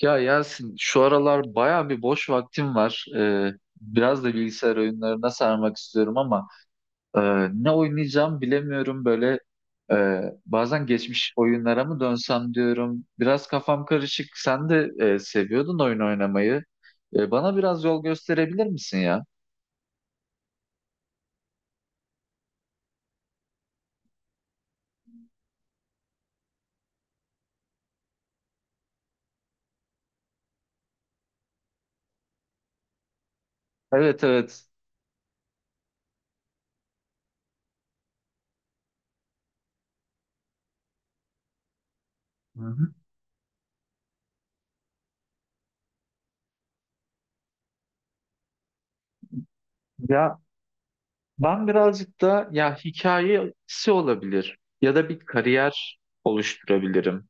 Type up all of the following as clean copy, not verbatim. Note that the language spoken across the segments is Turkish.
Ya Yasin şu aralar baya bir boş vaktim var. Biraz da bilgisayar oyunlarına sarmak istiyorum ama e, ne oynayacağım bilemiyorum böyle. Bazen geçmiş oyunlara mı dönsem diyorum. Biraz kafam karışık. Sen de seviyordun oyun oynamayı. Bana biraz yol gösterebilir misin ya? Evet, evet. Hı hı. Ya ben birazcık da ya hikayesi olabilir ya da bir kariyer oluşturabilirim.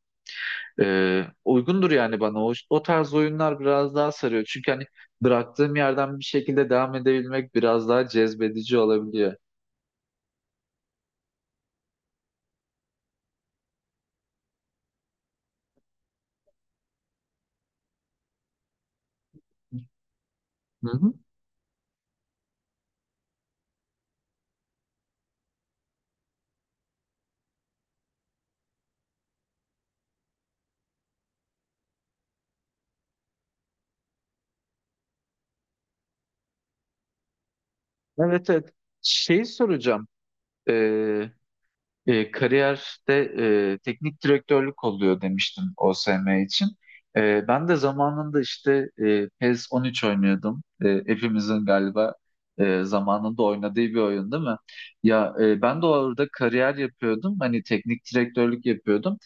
Uygundur yani bana o tarz oyunlar biraz daha sarıyor. Çünkü hani bıraktığım yerden bir şekilde devam edebilmek biraz daha cezbedici olabiliyor. Hı hı. Evet, evet. Şey soracağım. Ee, Kariyerde teknik direktörlük oluyor demiştin OSM için. E, ben de zamanında işte PES 13 oynuyordum. E, hepimizin galiba zamanında oynadığı bir oyun değil mi? Ya ben de orada kariyer yapıyordum. Hani teknik direktörlük yapıyordum.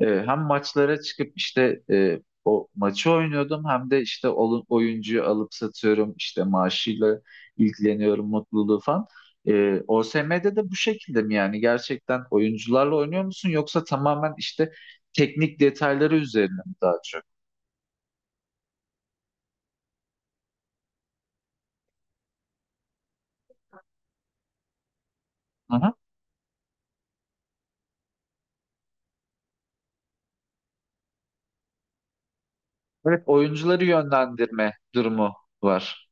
E, hem maçlara çıkıp işte o maçı oynuyordum hem de işte oyuncuyu alıp satıyorum, işte maaşıyla ilgileniyorum, mutluluğu falan. E, OSM'de de bu şekilde mi, yani gerçekten oyuncularla oynuyor musun yoksa tamamen işte teknik detayları üzerine mi daha çok? Hı hı. Evet, oyuncuları yönlendirme durumu var.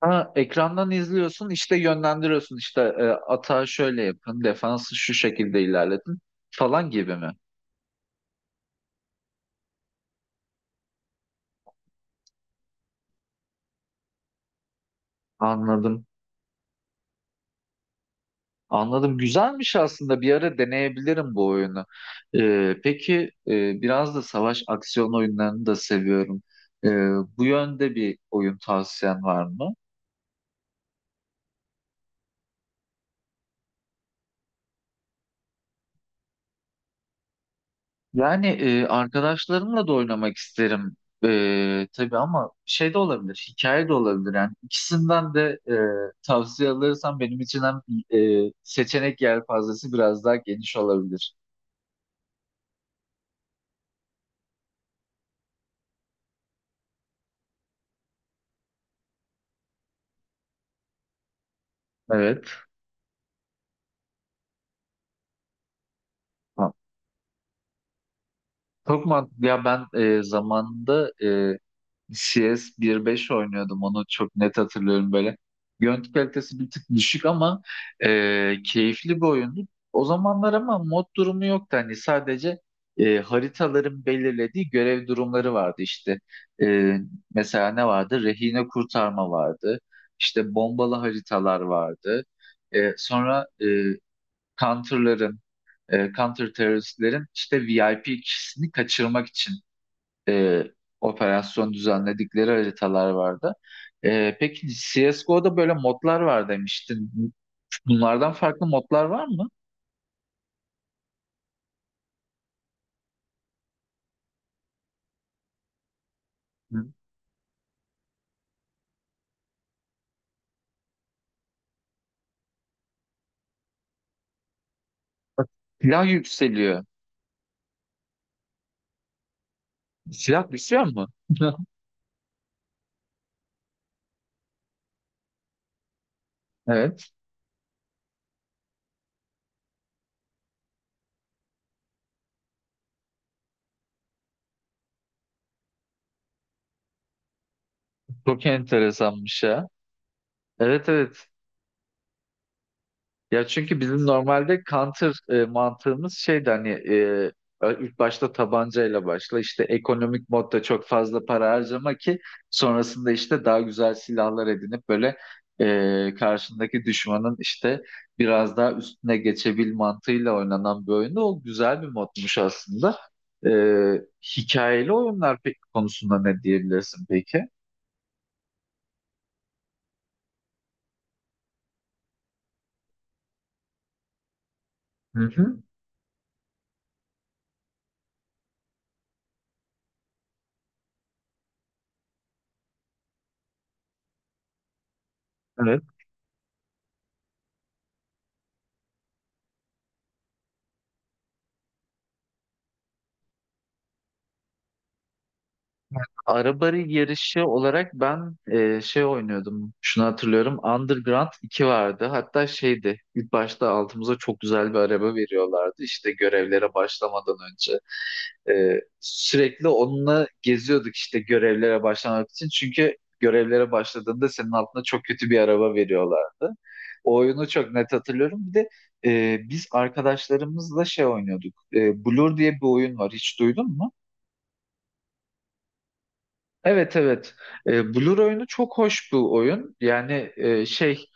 Ha, ekrandan izliyorsun, işte yönlendiriyorsun, işte atağı şöyle yapın, defansı şu şekilde ilerletin falan gibi mi? Anladım. Anladım. Güzelmiş aslında. Bir ara deneyebilirim bu oyunu. Peki biraz da savaş aksiyon oyunlarını da seviyorum. Ee, Bu yönde bir oyun tavsiyen var mı? Yani arkadaşlarımla da oynamak isterim. Tabii ama şey de olabilir, hikaye de olabilir. Yani ikisinden de tavsiye alırsam benim için hem seçenek yelpazesi biraz daha geniş olabilir. Evet. Tamam. Çok mantıklı. Ya ben zamanında CS 1.5 oynuyordum, onu çok net hatırlıyorum böyle. Görüntü kalitesi bir tık düşük ama keyifli bir oyundu. O zamanlar ama mod durumu yoktu, hani sadece haritaların belirlediği görev durumları vardı işte. E, mesela ne vardı? Rehine kurtarma vardı. İşte bombalı haritalar vardı. E, sonra counter'ların, counter teröristlerin işte VIP kişisini kaçırmak için e, operasyon düzenledikleri haritalar vardı. E, peki CSGO'da böyle modlar var demiştin. Bunlardan farklı modlar var mı? Hı. Bak. Silah yükseliyor. Silah düşüyor mu? Evet. Çok enteresanmış ya. Evet, evet. Ya çünkü bizim normalde counter mantığımız şeydi, hani ilk başta tabancayla başla, işte ekonomik modda çok fazla para harcama ki sonrasında işte daha güzel silahlar edinip böyle karşındaki düşmanın işte biraz daha üstüne geçebil mantığıyla oynanan bir oyundu. O güzel bir modmuş aslında. E, hikayeli oyunlar peki konusunda ne diyebilirsin peki? Hı hı. Evet. Araba yarışı olarak ben şey oynuyordum. Şunu hatırlıyorum. Underground iki vardı. Hatta şeydi. İlk başta altımıza çok güzel bir araba veriyorlardı. İşte görevlere başlamadan önce. E, sürekli onunla geziyorduk işte görevlere başlamak için. Çünkü görevlere başladığında senin altına çok kötü bir araba veriyorlardı. O oyunu çok net hatırlıyorum. Bir de biz arkadaşlarımızla şey oynuyorduk. E, Blur diye bir oyun var. Hiç duydun mu? Evet, evet. E, Blur oyunu çok hoş bir oyun. Yani şey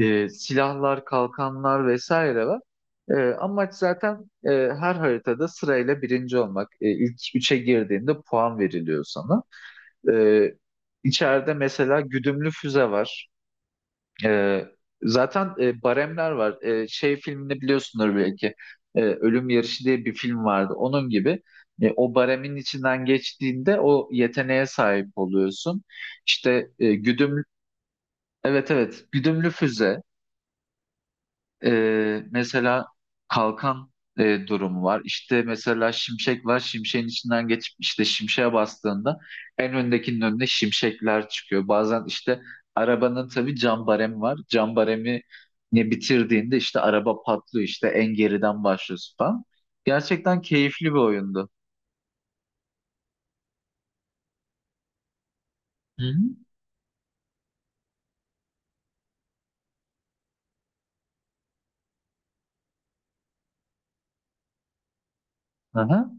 silahlar, kalkanlar vesaire var. E, amaç zaten her haritada sırayla birinci olmak. E, ilk üçe girdiğinde puan veriliyor sana. E, içeride mesela güdümlü füze var. Ee, Zaten baremler var. Şey filmini biliyorsunuz belki. Ölüm Yarışı diye bir film vardı. Onun gibi o baremin içinden geçtiğinde o yeteneğe sahip oluyorsun. İşte güdüm, evet, evet, güdümlü füze. Mesela kalkan durumu var. İşte mesela şimşek var. Şimşeğin içinden geçip işte şimşeğe bastığında en öndekinin önüne şimşekler çıkıyor. Bazen işte arabanın tabii cam baremi var. Cam baremi ne bitirdiğinde işte araba patlıyor. İşte en geriden başlıyorsun falan. Gerçekten keyifli bir oyundu. Hı hı. Aha.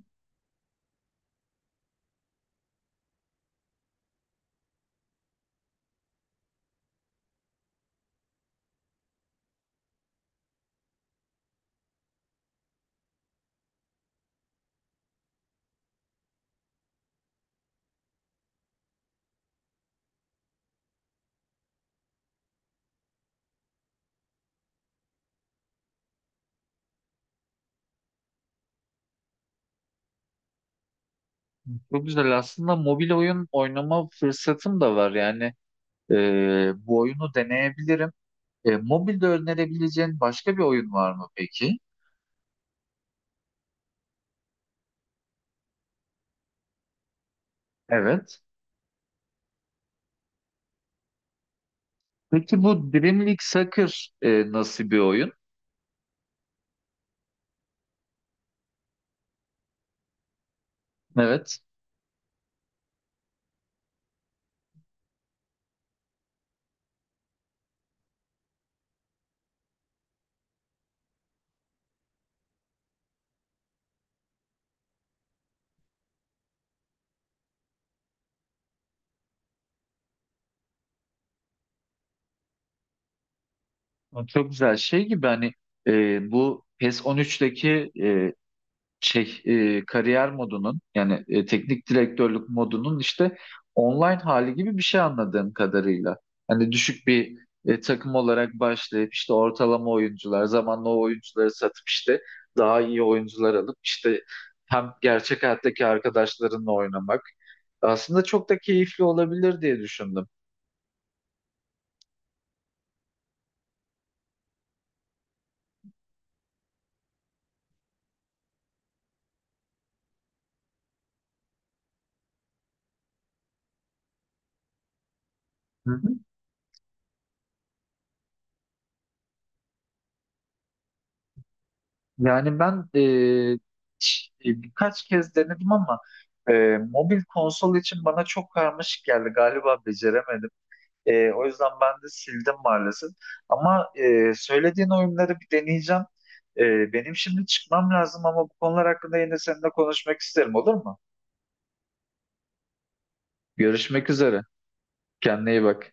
Çok güzel. Aslında mobil oyun oynama fırsatım da var. Yani bu oyunu deneyebilirim. E, mobilde önerebileceğin başka bir oyun var mı peki? Evet. Peki bu Dream League Soccer nasıl bir oyun? Evet. O çok güzel şey gibi, hani bu PES 13'teki şey kariyer modunun, yani teknik direktörlük modunun işte online hali gibi bir şey anladığım kadarıyla. Hani düşük bir takım olarak başlayıp işte ortalama oyuncular, zamanla o oyuncuları satıp işte daha iyi oyuncular alıp işte hem gerçek hayattaki arkadaşlarınla oynamak aslında çok da keyifli olabilir diye düşündüm. Hı hı. Yani ben birkaç kez denedim ama mobil konsol için bana çok karmaşık geldi. Galiba beceremedim. E, o yüzden ben de sildim maalesef. Ama söylediğin oyunları bir deneyeceğim. E, benim şimdi çıkmam lazım ama bu konular hakkında yine seninle konuşmak isterim, olur mu? Görüşmek üzere. Kendine iyi bak.